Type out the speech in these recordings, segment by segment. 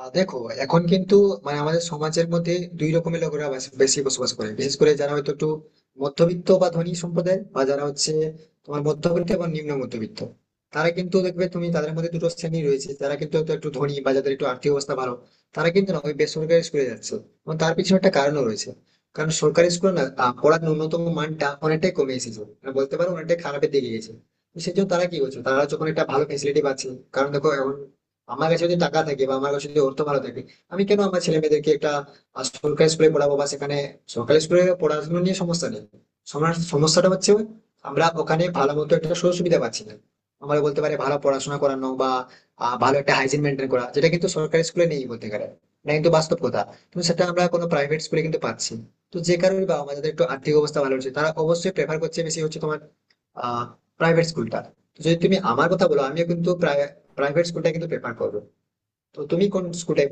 দেখো, এখন কিন্তু, মানে আমাদের সমাজের মধ্যে দুই রকমের লোকেরা বেশি বসবাস করে। বিশেষ করে যারা হয়তো একটু মধ্যবিত্ত বা ধনী সম্প্রদায়, বা যারা হচ্ছে তোমার মধ্যবিত্ত এবং নিম্ন মধ্যবিত্ত, তারা কিন্তু দেখবে তুমি তাদের মধ্যে দুটো শ্রেণী রয়েছে। যারা কিন্তু হয়তো একটু ধনী বা যাদের একটু আর্থিক অবস্থা ভালো, তারা কিন্তু না ওই বেসরকারি স্কুলে যাচ্ছে, এবং তার পিছনে একটা কারণও রয়েছে। কারণ সরকারি স্কুলে না পড়ার ন্যূনতম মানটা অনেকটাই কমে এসেছে, মানে বলতে পারো অনেকটাই খারাপের দিকে গেছে। তো সেই জন্য তারা কি করছে, তারা যখন একটা ভালো ফেসিলিটি পাচ্ছে, কারণ দেখো, এখন আমার কাছে যদি টাকা থাকে, বা আমার কাছে যদি অর্থ ভালো থাকে, আমি কেন আমার ছেলে মেয়েদেরকে একটা সরকারি স্কুলে পড়াবো, বা সেখানে সরকারি স্কুলে পড়াশোনা নিয়ে সমস্যা নেই। সমস্যাটা হচ্ছে ওই, আমরা ওখানে ভালো মতো একটা সুযোগ সুবিধা পাচ্ছি না। আমরা বলতে পারি ভালো পড়াশোনা করানো, বা ভালো একটা হাইজিন মেনটেন করা, যেটা কিন্তু সরকারি স্কুলে নেই বলতে গেলে। না, কিন্তু বাস্তব কথা। কিন্তু সেটা আমরা কোনো প্রাইভেট স্কুলে কিন্তু পাচ্ছি। তো যে কারণে বা আমাদের একটু আর্থিক অবস্থা ভালো হচ্ছে, তারা অবশ্যই প্রেফার করছে, বেশি হচ্ছে তোমার আহ প্রাইভেট স্কুলটা। তো যদি তুমি আমার কথা বলো, আমিও কিন্তু প্রায় প্রাইভেট স্কুলটা কিন্তু প্রেফার করবে। তো তুমি কোন স্কুলটাই?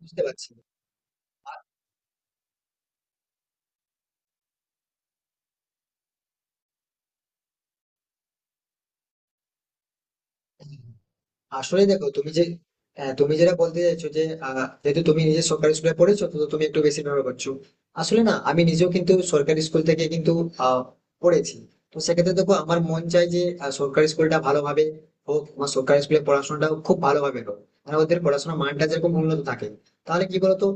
বুঝতে পারছি। আসলে দেখো, তুমি যে তুমি যেটা বলতে চাইছো যে আহ, যেহেতু তুমি নিজে সরকারি স্কুলে পড়েছো, তো তুমি একটু বেশি নির্ভর করছো। আসলে না, আমি নিজেও কিন্তু সরকারি স্কুল থেকে কিন্তু আহ, পড়েছি। তো সেক্ষেত্রে দেখো, আমার মন চাই যে সরকারি স্কুলটা ভালোভাবে হোক, আমার সরকারি স্কুলে পড়াশোনাটাও খুব ভালোভাবে হোক, মানে ওদের পড়াশোনার মানটা যেরকম উন্নত থাকে। তাহলে কি বলতো,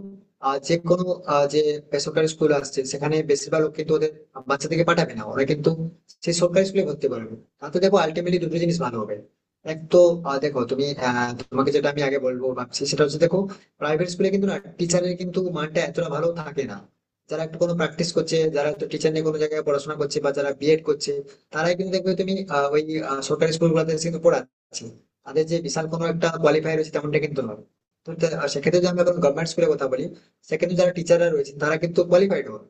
যে কোনো যে বেসরকারি স্কুল আসছে, সেখানে বেশিরভাগ লোক কিন্তু ওদের বাচ্চা থেকে পাঠাবে না, ওরা কিন্তু সেই সরকারি স্কুলে ভর্তি করবে। তাতে দেখো আলটিমেটলি দুটো জিনিস ভালো হবে। এক তো, দেখো তুমি, তোমাকে যেটা আমি আগে বলবো ভাবছি, সেটা হচ্ছে দেখো, প্রাইভেট স্কুলে কিন্তু না টিচারের কিন্তু মানটা এতটা ভালো থাকে না। যারা একটু কোনো প্র্যাকটিস করছে, যারা তো টিচার নিয়ে কোনো জায়গায় পড়াশোনা করছে, বা যারা বিএড করছে, তারাই কিন্তু দেখবে তুমি ওই সরকারি স্কুলগুলোতে কিন্তু পড়াচ্ছে। তাদের যে বিশাল কোনো একটা কোয়ালিফাই রয়েছে তেমনটা কিন্তু নয়। তো সেক্ষেত্রে যদি আমি এখন গভর্নমেন্ট স্কুলের কথা বলি, সেক্ষেত্রে যারা টিচাররা রয়েছেন তারা কিন্তু কোয়ালিফাইড হন।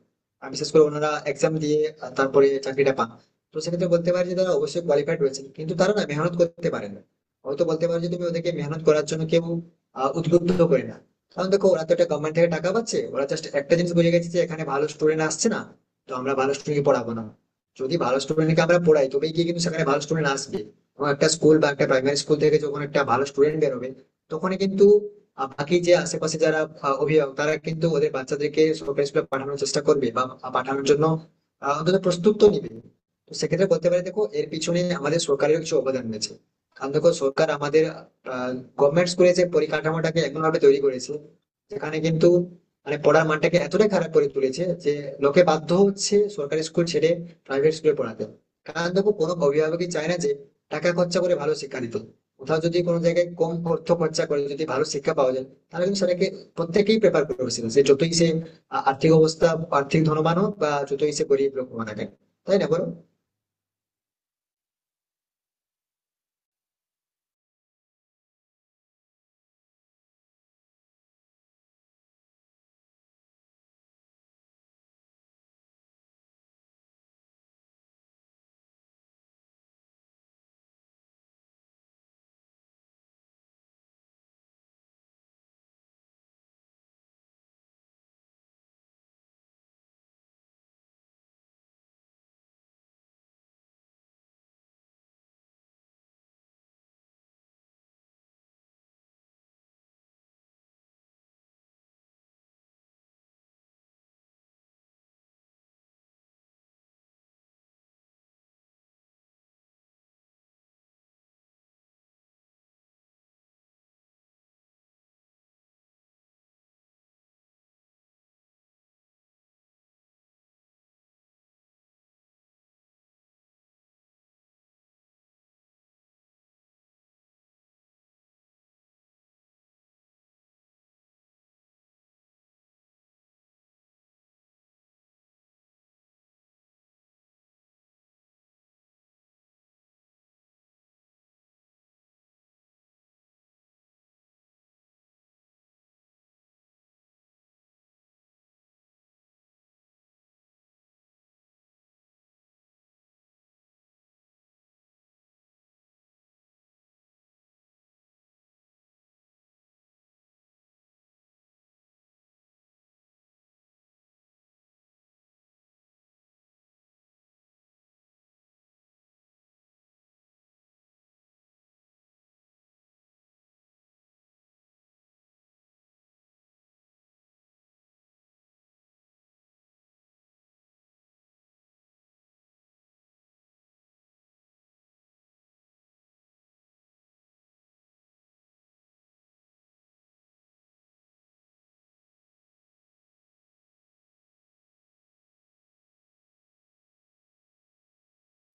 আর বিশেষ করে ওনারা এক্সাম দিয়ে তারপরে চাকরিটা পান। তো সেক্ষেত্রে বলতে পারি যে তারা অবশ্যই কোয়ালিফাইড রয়েছে, কিন্তু তারা না মেহনত করতে পারে না। হয়তো বলতে পারো যে তুমি ওদেরকে মেহনত করার জন্য কেউ উদ্বুদ্ধ করে না। কারণ দেখো, ওরা তো একটা গভর্নমেন্ট থেকে টাকা পাচ্ছে, ওরা জাস্ট একটা জিনিস বুঝে গেছে যে এখানে ভালো স্টুডেন্ট আসছে না, তো আমরা ভালো স্টুডেন্ট পড়াবো না। যদি ভালো স্টুডেন্টকে আমরা পড়াই, তবেই গিয়ে কিন্তু সেখানে ভালো স্টুডেন্ট আসবে। এবং একটা স্কুল বা একটা প্রাইমারি স্কুল থেকে যখন একটা ভালো স্টুডেন্ট বেরোবে, তখনই কিন্তু বাকি যে আশেপাশে যারা অভিভাবক, তারা কিন্তু ওদের বাচ্চাদেরকে সরকারি স্কুলে পাঠানোর চেষ্টা করবে, বা পাঠানোর জন্য অন্তত প্রস্তুত তো নিবে। তো সেক্ষেত্রে বলতে পারি, দেখো, এর পিছনে আমাদের সরকারের কিছু অবদান রয়েছে। কারণ দেখো, সরকার আমাদের গভর্নমেন্ট স্কুলে যে পরিকাঠামোটাকে এমন ভাবে তৈরি করেছে, যেখানে কিন্তু মানে পড়ার মানটাকে এতটাই খারাপ করে তুলেছে যে লোকে বাধ্য হচ্ছে সরকারি স্কুল ছেড়ে প্রাইভেট স্কুলে পড়াতে। কারণ দেখো, কোনো অভিভাবকই চায় না যে টাকা খরচা করে ভালো শিক্ষা দিতে। কোথাও যদি কোনো জায়গায় কম অর্থ খরচা করে যদি ভালো শিক্ষা পাওয়া যায়, তাহলে কিন্তু সেটাকে প্রত্যেকেই প্রেফার করে বসে। সে যতই সে আর্থিক অবস্থা আর্থিক ধনবান হোক, বা যতই সে গরিব লোক হোক না কেন। তাই না, বলো?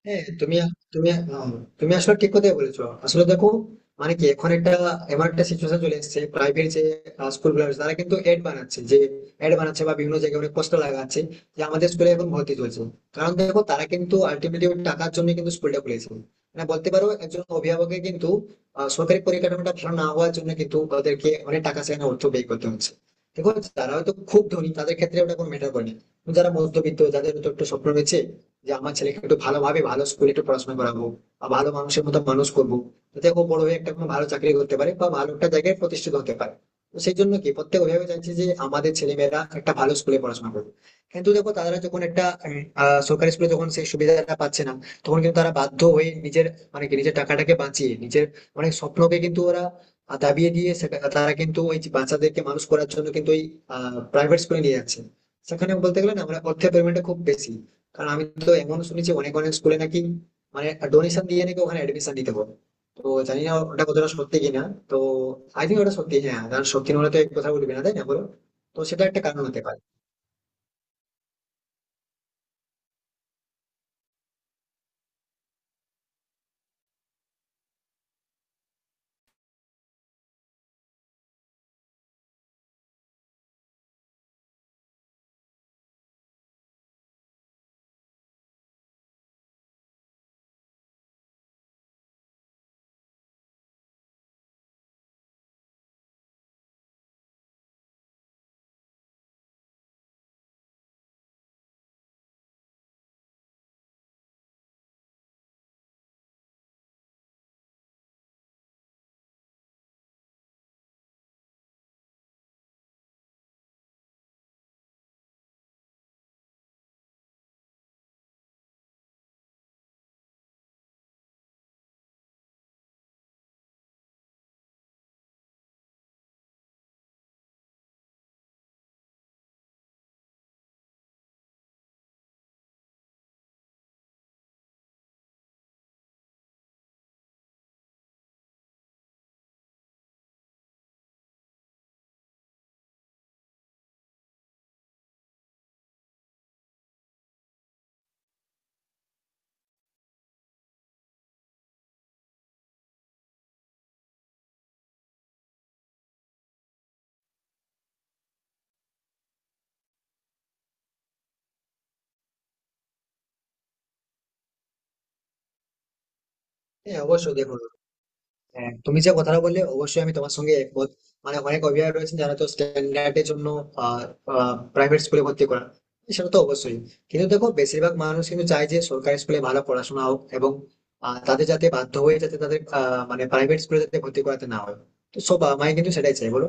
হ্যাঁ, তুমি তুমি আহ, তুমি আসলে ঠিক কথাই বলেছো। আসলে দেখো, মানে কি এখন একটা এমন একটা সিচুয়েশন চলে এসেছে, প্রাইভেট যে স্কুল গুলো আছে, তারা কিন্তু এড বানাচ্ছে বা বিভিন্ন জায়গায় অনেক পোস্টার লাগাচ্ছে যে আমাদের স্কুলে এখন ভর্তি চলছে। কারণ দেখো, তারা কিন্তু আলটিমেটলি টাকার জন্য কিন্তু স্কুলটা খুলেছে। মানে বলতে পারো, একজন অভিভাবকের কিন্তু সরকারি পরিকাঠামোটা ভালো না হওয়ার জন্য কিন্তু ওদেরকে অনেক টাকা সেখানে অর্থ ব্যয় করতে হচ্ছে। দেখো, যারা হয়তো খুব ধনী, তাদের ক্ষেত্রে ওটা কোনো ম্যাটার করে না। কিন্তু যারা মধ্যবিত্ত, যাদের হয়তো একটু স্বপ্ন রয়েছে যে আমার ছেলেকে একটু ভালোভাবে ভালো স্কুলে একটু পড়াশোনা করাবো, বা ভালো মানুষের মতো মানুষ করবো, যাতে ও বড় হয়ে একটা কোনো ভালো চাকরি করতে পারে বা ভালো একটা জায়গায় প্রতিষ্ঠিত হতে পারে। তো সেই জন্য কি প্রত্যেক অভিভাবক চাইছে যে আমাদের ছেলেমেয়েরা একটা ভালো স্কুলে পড়াশোনা করবে। কিন্তু দেখো, তারা যখন একটা সরকারি স্কুলে যখন সেই সুবিধাটা পাচ্ছে না, তখন কিন্তু তারা বাধ্য হয়ে নিজের, মানে কি নিজের টাকাটাকে বাঁচিয়ে নিজের অনেক স্বপ্নকে কিন্তু ওরা দাবিয়ে দিয়ে তারা কিন্তু ওই যে বাচ্চাদেরকে মানুষ করার জন্য কিন্তু ওই প্রাইভেট স্কুলে নিয়ে যাচ্ছে। সেখানে বলতে গেলে না, আমরা অর্থের পরিমাণটা খুব বেশি। কারণ আমি তো এমন শুনেছি, অনেক অনেক স্কুলে নাকি, মানে ডোনেশন দিয়ে নাকি ওখানে এডমিশন দিতে হবে। তো জানি না ওটা কতটা সত্যি কিনা। তো আই থিঙ্ক ওটা সত্যি, হ্যাঁ, কারণ সত্যি না হলে তো এক কথা বলবি না, তাই না বলো? তো সেটা একটা কারণ হতে পারে। হ্যাঁ, অবশ্যই দেখো, হ্যাঁ, তুমি যে কথাটা বললে অবশ্যই আমি তোমার সঙ্গে একমত। মানে অনেক অভিভাবক রয়েছেন যারা তো স্ট্যান্ডার্ডের জন্য প্রাইভেট স্কুলে ভর্তি করা, সেটা তো অবশ্যই। কিন্তু দেখো, বেশিরভাগ মানুষ কিন্তু চায় যে সরকারি স্কুলে ভালো পড়াশোনা হোক, এবং তাদের যাতে বাধ্য হয়ে যাতে তাদের মানে প্রাইভেট স্কুলে যাতে ভর্তি করাতে না হয়। তো সব মাই কিন্তু সেটাই চাই, বলো?